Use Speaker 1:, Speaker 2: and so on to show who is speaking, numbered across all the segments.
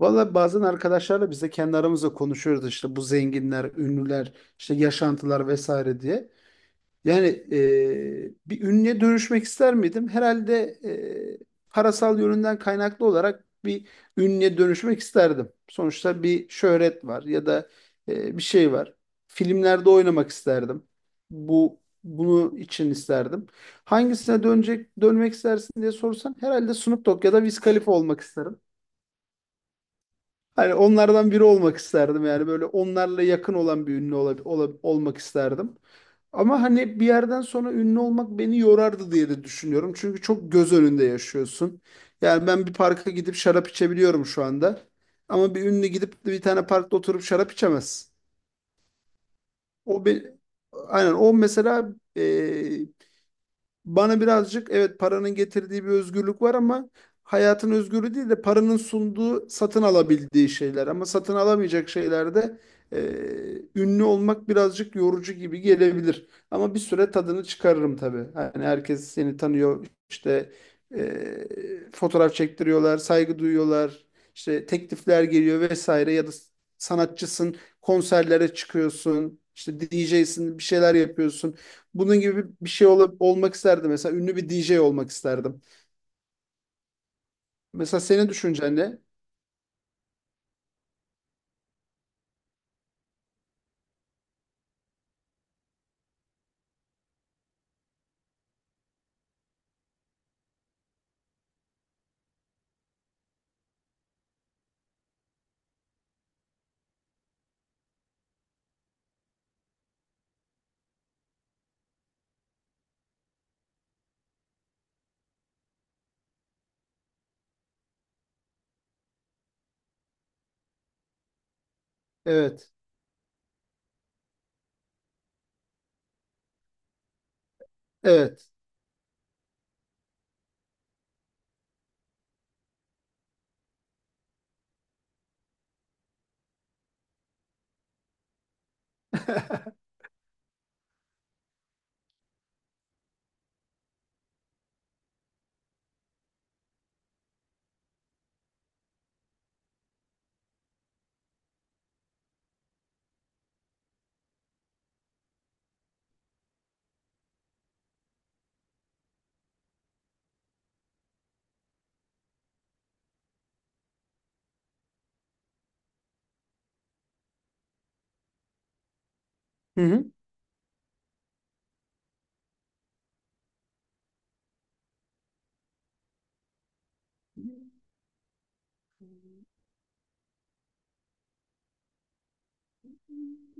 Speaker 1: Valla bazen arkadaşlarla biz de kendi aramızda konuşuyoruz işte bu zenginler, ünlüler, işte yaşantılar vesaire diye. Yani bir ünlüye dönüşmek ister miydim? Herhalde parasal yönünden kaynaklı olarak bir ünlüye dönüşmek isterdim. Sonuçta bir şöhret var ya da bir şey var. Filmlerde oynamak isterdim. Bu bunu için isterdim. Hangisine dönmek istersin diye sorsan herhalde Snoop Dogg ya da Wiz Khalifa olmak isterim. Hani onlardan biri olmak isterdim yani böyle onlarla yakın olan bir ünlü olmak isterdim. Ama hani bir yerden sonra ünlü olmak beni yorardı diye de düşünüyorum. Çünkü çok göz önünde yaşıyorsun. Yani ben bir parka gidip şarap içebiliyorum şu anda. Ama bir ünlü gidip de bir tane parkta oturup şarap içemez. O bir, aynen o mesela bana birazcık evet paranın getirdiği bir özgürlük var ama hayatın özgürlüğü değil de paranın sunduğu satın alabildiği şeyler. Ama satın alamayacak şeylerde e, ünlü olmak birazcık yorucu gibi gelebilir. Ama bir süre tadını çıkarırım tabii. Hani herkes seni tanıyor işte fotoğraf çektiriyorlar, saygı duyuyorlar, işte teklifler geliyor vesaire ya da sanatçısın konserlere çıkıyorsun. İşte DJ'sin bir şeyler yapıyorsun. Bunun gibi bir şey olmak isterdim. Mesela ünlü bir DJ olmak isterdim. Mesela senin düşüncen ne? Evet. Evet. Hı hı.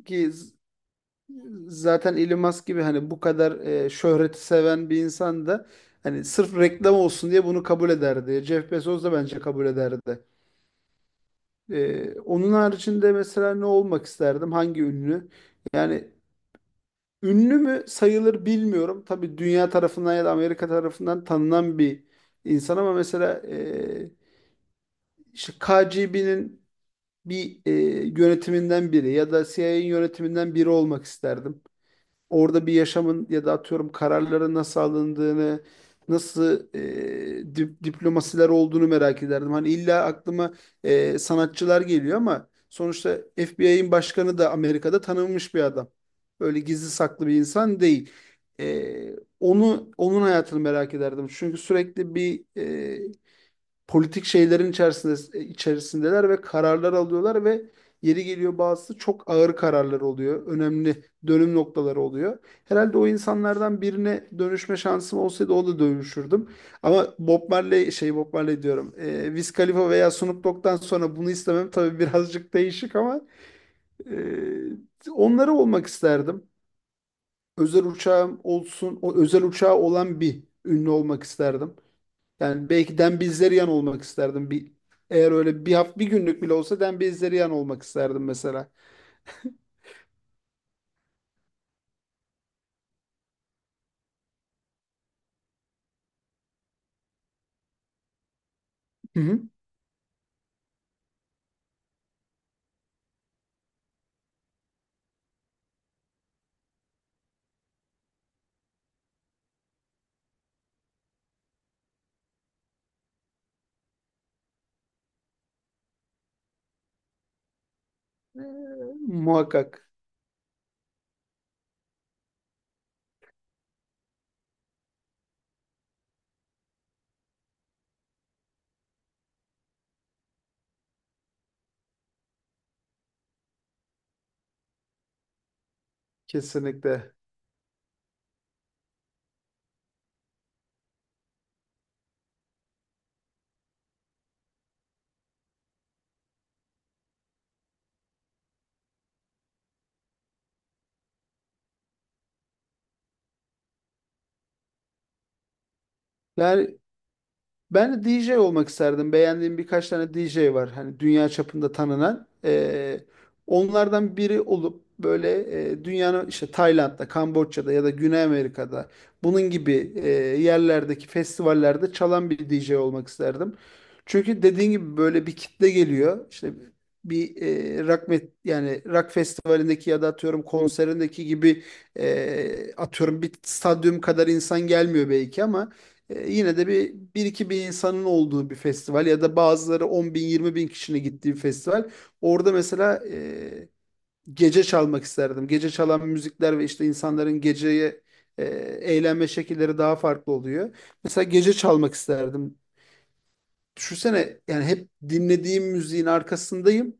Speaker 1: Ki zaten Elon Musk gibi hani bu kadar şöhreti seven bir insan da hani sırf reklam olsun diye bunu kabul ederdi. Jeff Bezos da bence kabul ederdi. Onun haricinde mesela ne olmak isterdim? Hangi ünlü? Yani ünlü mü sayılır bilmiyorum. Tabii dünya tarafından ya da Amerika tarafından tanınan bir insan ama mesela işte KGB'nin bir yönetiminden biri ya da CIA'nin yönetiminden biri olmak isterdim. Orada bir yaşamın ya da atıyorum kararların nasıl alındığını, nasıl diplomasiler olduğunu merak ederdim. Hani illa aklıma sanatçılar geliyor ama sonuçta FBI'nin başkanı da Amerika'da tanınmış bir adam. Böyle gizli saklı bir insan değil. Onun hayatını merak ederdim. Çünkü sürekli bir politik şeylerin içerisindeler ve kararlar alıyorlar ve yeri geliyor bazısı çok ağır kararlar oluyor. Önemli dönüm noktaları oluyor. Herhalde o insanlardan birine dönüşme şansım olsaydı o da dönüşürdüm. Ama Bob Marley şey Bob Marley diyorum. Wiz Khalifa veya Snoop Dogg'dan sonra bunu istemem tabii birazcık değişik ama onları olmak isterdim. Özel uçağım olsun, o özel uçağı olan bir ünlü olmak isterdim. Yani belki Dembélé olmak isterdim. Eğer öyle bir hafta bir günlük bile olsa Dembélé olmak isterdim mesela. Hı hı. Ee, muhakkak kesinlikle. Yani ben de DJ olmak isterdim. Beğendiğim birkaç tane DJ var. Hani dünya çapında tanınan. Onlardan biri olup böyle dünyanın işte Tayland'da, Kamboçya'da ya da Güney Amerika'da bunun gibi yerlerdeki festivallerde çalan bir DJ olmak isterdim. Çünkü dediğin gibi böyle bir kitle geliyor. İşte bir yani rock festivalindeki ya da atıyorum konserindeki gibi atıyorum bir stadyum kadar insan gelmiyor belki ama yine de bir 2.000 insanın olduğu bir festival ya da bazıları 10.000 20.000 kişinin gittiği bir festival. Orada mesela gece çalmak isterdim. Gece çalan müzikler ve işte insanların geceye e, eğlenme şekilleri daha farklı oluyor. Mesela gece çalmak isterdim. Düşünsene yani hep dinlediğim müziğin arkasındayım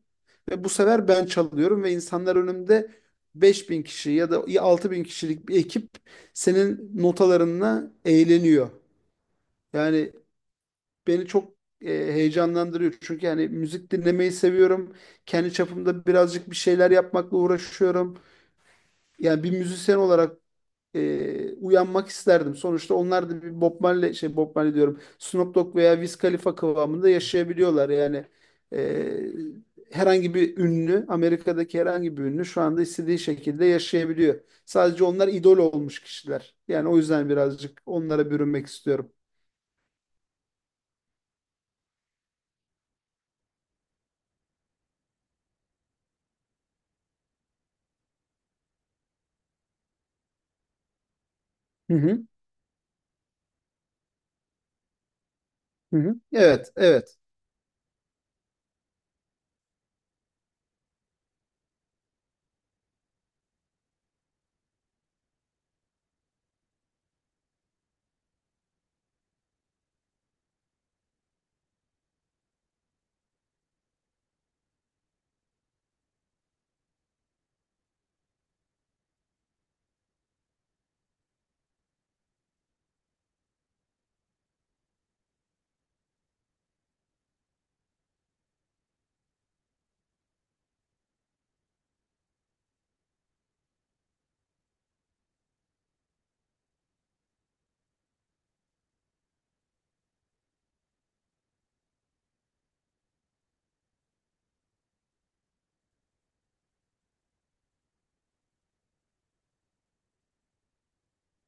Speaker 1: ve bu sefer ben çalıyorum ve insanlar önümde 5.000 kişi ya da 6.000 kişilik bir ekip senin notalarınla eğleniyor. Yani beni çok heyecanlandırıyor. Çünkü yani müzik dinlemeyi seviyorum. Kendi çapımda birazcık bir şeyler yapmakla uğraşıyorum. Yani bir müzisyen olarak uyanmak isterdim. Sonuçta onlar da bir Bob Marley, şey Bob Marley diyorum. Snoop Dogg veya Wiz Khalifa kıvamında yaşayabiliyorlar. Yani e, herhangi bir ünlü, Amerika'daki herhangi bir ünlü şu anda istediği şekilde yaşayabiliyor. Sadece onlar idol olmuş kişiler. Yani o yüzden birazcık onlara bürünmek istiyorum. Hı hı, hı hı. Evet, evet.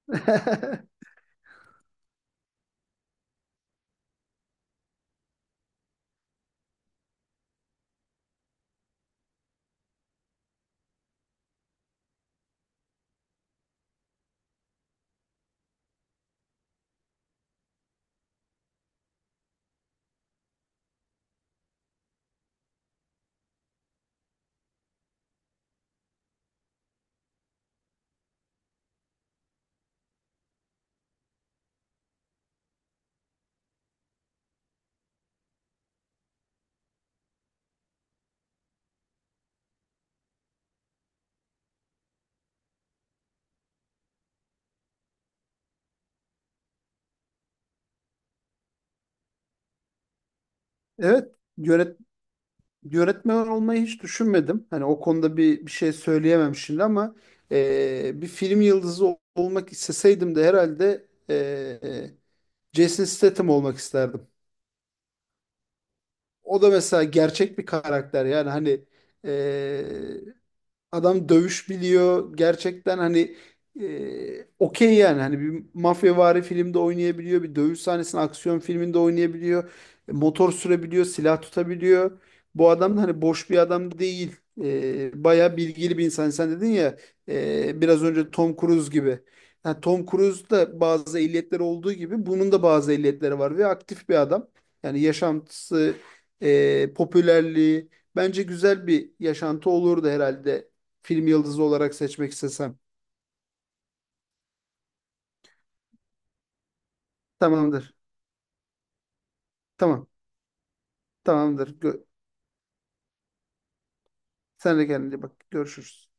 Speaker 1: Evet, yönet yönetmen olmayı hiç düşünmedim. Hani o konuda bir şey söyleyemem şimdi ama bir film yıldızı olmak isteseydim de herhalde Jason Statham olmak isterdim. O da mesela gerçek bir karakter yani hani adam dövüş biliyor. Gerçekten hani okey yani. Hani bir mafyavari filmde oynayabiliyor. Bir dövüş sahnesinde aksiyon filminde oynayabiliyor. Motor sürebiliyor. Silah tutabiliyor. Bu adam da hani boş bir adam değil. Bayağı bilgili bir insan. Sen dedin ya biraz önce Tom Cruise gibi. Yani Tom Cruise'da bazı ehliyetleri olduğu gibi bunun da bazı ehliyetleri var ve aktif bir adam. Yani yaşantısı, popülerliği, bence güzel bir yaşantı olurdu herhalde film yıldızı olarak seçmek istesem. Tamamdır. Tamam. Tamamdır. Sen de kendine iyi bak. Görüşürüz.